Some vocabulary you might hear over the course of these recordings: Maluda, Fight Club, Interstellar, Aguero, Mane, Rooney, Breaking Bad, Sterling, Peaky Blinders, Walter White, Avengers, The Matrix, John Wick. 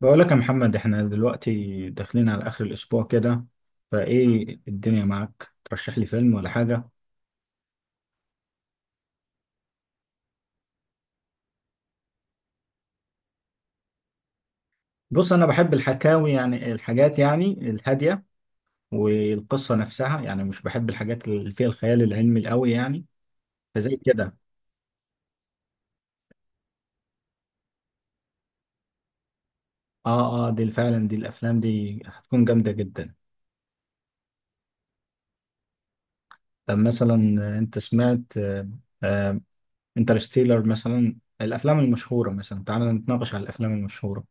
بقولك يا محمد، احنا دلوقتي داخلين على اخر الاسبوع كده، فايه الدنيا معاك؟ ترشح لي فيلم ولا حاجة؟ بص، انا بحب الحكاوي، يعني الحاجات يعني الهادية والقصة نفسها. يعني مش بحب الحاجات اللي فيها الخيال العلمي القوي يعني، فزي كده. اه، اه، دي فعلا، دي الافلام دي هتكون جامدة جدا. طب مثلا، انت سمعت آه، انترستيلر مثلا، الافلام المشهورة. مثلا تعالى نتناقش على الافلام المشهورة.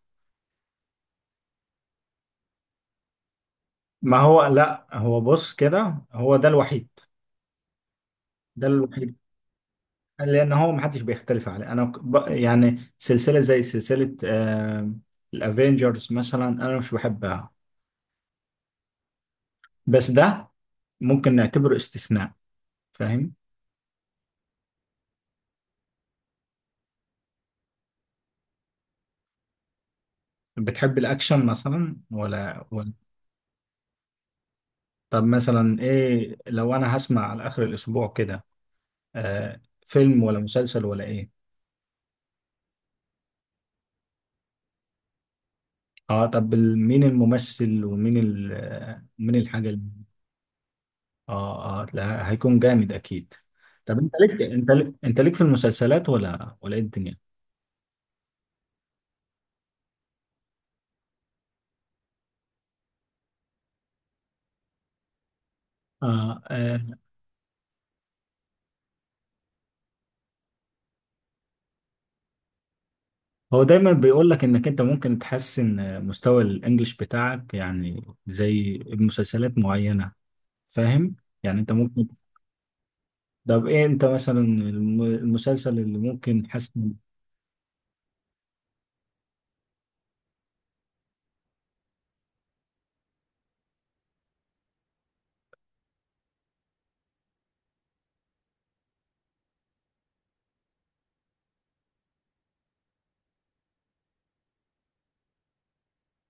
ما هو لا، هو بص كده، هو ده الوحيد. ده الوحيد. لان هو ما حدش بيختلف عليه. انا يعني سلسله زي سلسله الافينجرز مثلا، انا مش بحبها. بس ده ممكن نعتبره استثناء، فاهم؟ بتحب الاكشن مثلا ولا؟ طب مثلا ايه، لو انا هسمع على اخر الاسبوع كده، آه فيلم ولا مسلسل ولا ايه؟ اه طب، مين الممثل، ومين مين الحاجه؟ اه، اه، لا هيكون جامد اكيد. طب انت ليك في المسلسلات ولا ايه الدنيا؟ آه، آه. هو دايما بيقول لك انك انت ممكن تحسن مستوى الانجليش بتاعك، يعني زي بمسلسلات معينة، فاهم؟ يعني انت ممكن. طب ايه انت مثلا، المسلسل اللي ممكن تحسن؟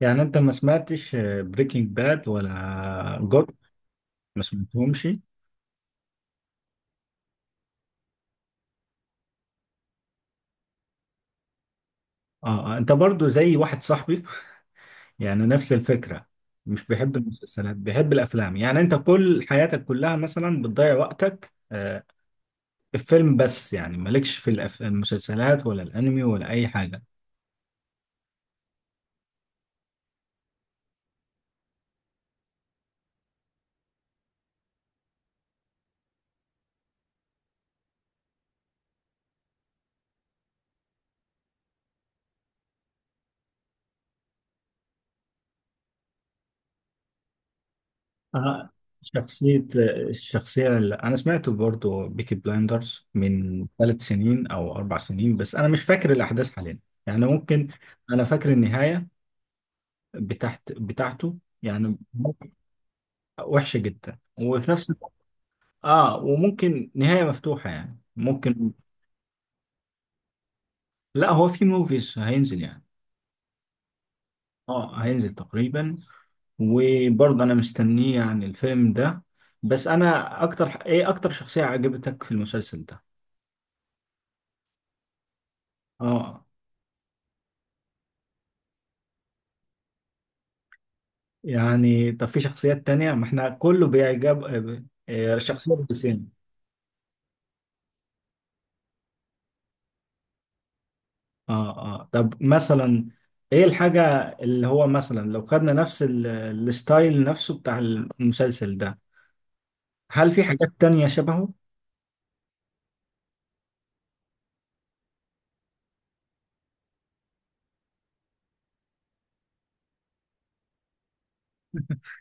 يعني انت ما سمعتش بريكنج باد ولا جود؟ ما سمعتهمش؟ اه. انت برضو زي واحد صاحبي، يعني نفس الفكرة. مش بيحب المسلسلات، بيحب الأفلام. يعني أنت كل حياتك كلها مثلا بتضيع وقتك في الفيلم بس، يعني مالكش في المسلسلات ولا الأنمي ولا أي حاجة؟ أنا شخصية الشخصية اللي أنا سمعته برضو بيكي بلايندرز من 3 سنين أو 4 سنين، بس أنا مش فاكر الأحداث حاليا، يعني ممكن. أنا فاكر النهاية بتاعته، يعني وحشة جدا، وفي نفس الوقت وممكن نهاية مفتوحة، يعني ممكن. لا هو في موفيز هينزل يعني، اه هينزل تقريبا. وبرضه انا مستنيه يعني الفيلم ده. بس انا، اكتر شخصية عجبتك في المسلسل ده؟ اه. يعني طب في شخصيات تانية؟ ما احنا كله بيعجب، شخصية بتسين. اه، اه. طب مثلا ايه الحاجة اللي هو مثلا، لو خدنا نفس الستايل نفسه بتاع المسلسل ده، هل في حاجات تانية شبهه؟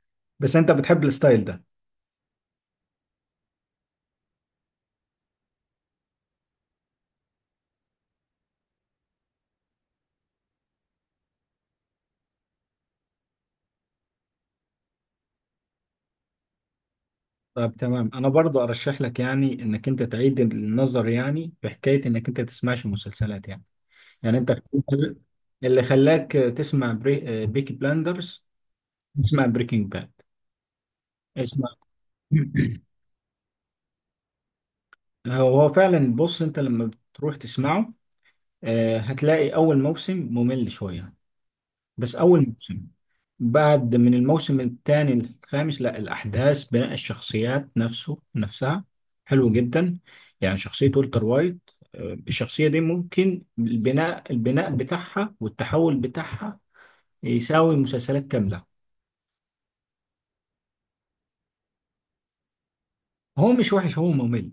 بس انت بتحب الستايل ده. طب تمام، انا برضو ارشح لك يعني انك انت تعيد النظر، يعني في حكايه انك انت تسمعش مسلسلات يعني انت، اللي خلاك تسمع بيكي بلاندرز، تسمع بريكنج باد. اسمع. هو فعلا، بص، انت لما بتروح تسمعه هتلاقي اول موسم ممل شويه، بس اول موسم. بعد من الموسم الثاني للخامس، لا الأحداث، بناء الشخصيات نفسها حلو جدا. يعني شخصية والتر وايت، الشخصية دي ممكن البناء بتاعها والتحول بتاعها يساوي مسلسلات كاملة. هو مش وحش، هو ممل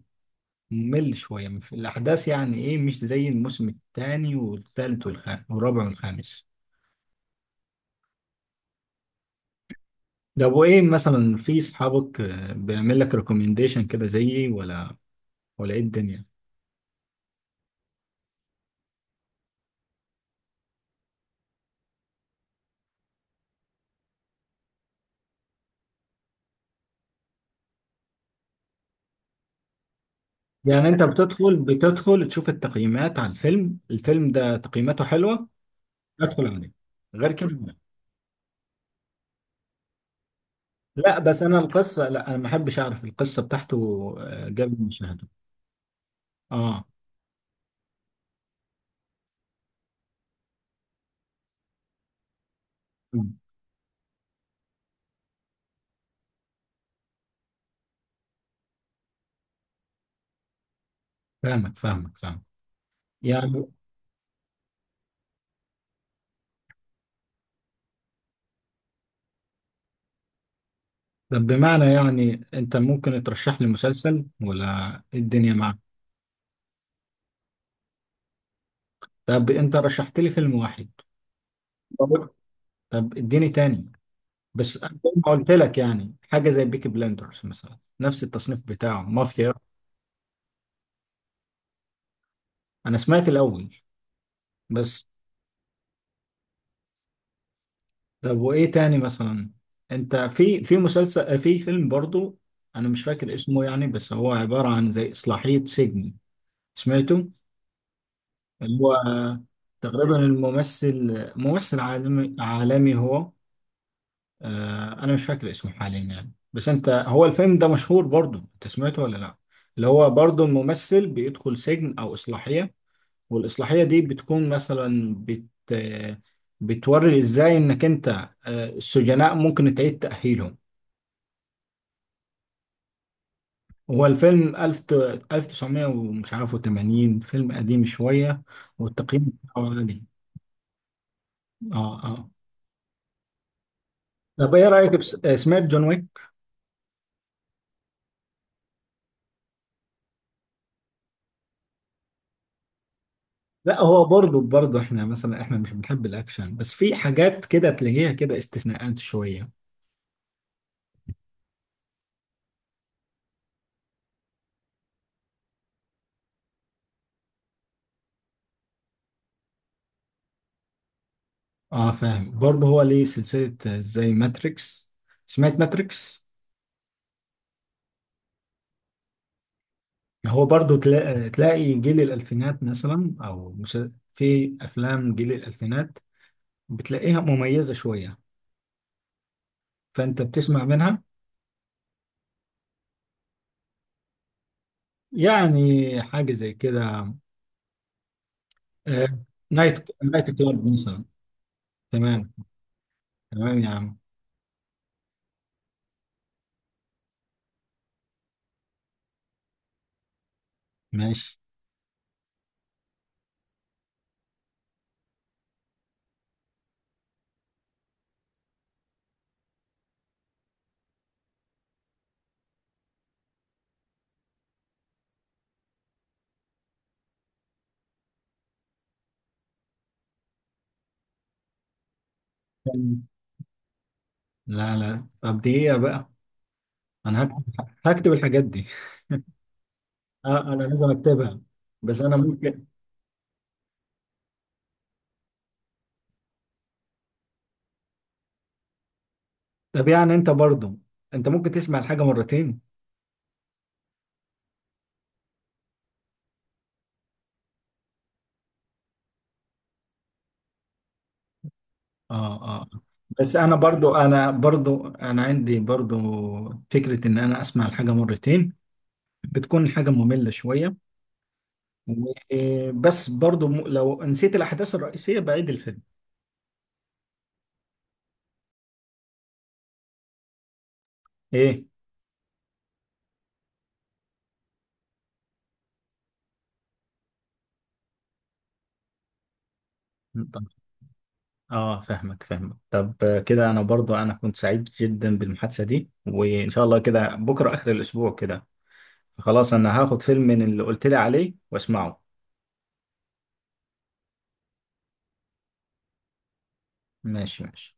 ممل شوية في الأحداث، يعني إيه مش زي الموسم الثاني والثالث والخامس والرابع والخامس. ده أبو إيه، مثلا في صحابك بيعمل لك ريكومنديشن كده زيي، ولا إيه الدنيا؟ يعني انت بتدخل تشوف التقييمات على الفيلم ده، تقييماته حلوة ادخل عليه، غير كده لا؟ لا، بس انا القصة، لا انا ما احبش اعرف القصة بتاعته قبل ما اشاهده. اه، مم. فاهمك، فاهمك، فاهمك. يعني طب بمعنى، يعني انت ممكن ترشح لي مسلسل ولا إيه الدنيا معك؟ طب انت رشحت لي فيلم واحد. طب طب اديني تاني، بس زي ما قلت لك، يعني حاجة زي بيكي بلندرز مثلا نفس التصنيف بتاعه مافيا. انا سمعت الاول، بس. طب وايه تاني مثلا؟ انت، في مسلسل، في فيلم برضو انا مش فاكر اسمه يعني، بس هو عبارة عن زي اصلاحية سجن، سمعته؟ اللي هو تقريبا الممثل، ممثل عالمي عالمي هو. انا مش فاكر اسمه حاليا يعني، بس انت، هو الفيلم ده مشهور برضو، انت سمعته ولا لا؟ اللي هو برضو الممثل بيدخل سجن او اصلاحية، والاصلاحية دي بتكون مثلا، بت آه، بتوري ازاي انك انت، السجناء ممكن تعيد تأهيلهم. هو الفيلم ألف تسعمية ومش عارف وتمانين، فيلم قديم شوية، والتقييم بتاعه عالي. اه، اه. طب ايه رأيك، بس... آه، سمعت جون ويك؟ لا، هو برضه احنا مثلا، احنا مش بنحب الأكشن، بس في حاجات كده تلاقيها كده استثناءات شوية. اه فاهم. برضه هو ليه سلسلة زي ماتريكس. سمعت ماتريكس؟ هو برضه تلاقي جيل الألفينات مثلا، في أفلام جيل الألفينات بتلاقيها مميزة شوية، فأنت بتسمع منها. يعني حاجة زي كده، آه، نايت كلاب مثلا. تمام. تمام يا عم. ماشي. لا، لا. طب دي ايه بقى؟ انا هكتب الحاجات دي. انا لازم اكتبها، بس انا ممكن. طب يعني، انت برضو ممكن تسمع الحاجة مرتين. اه، اه، آه. بس انا عندي برضو فكرة ان انا اسمع الحاجة مرتين، بتكون الحاجة مملة شوية، و- بس برضو لو نسيت الاحداث الرئيسية بعيد الفيلم. ايه، طب- اه فاهمك، فاهمك. طب كده، انا كنت سعيد جدا بالمحادثة دي، وان شاء الله كده بكرة اخر الاسبوع كده. خلاص، انا هاخد فيلم من اللي قلت لي عليه واسمعه. ماشي، ماشي.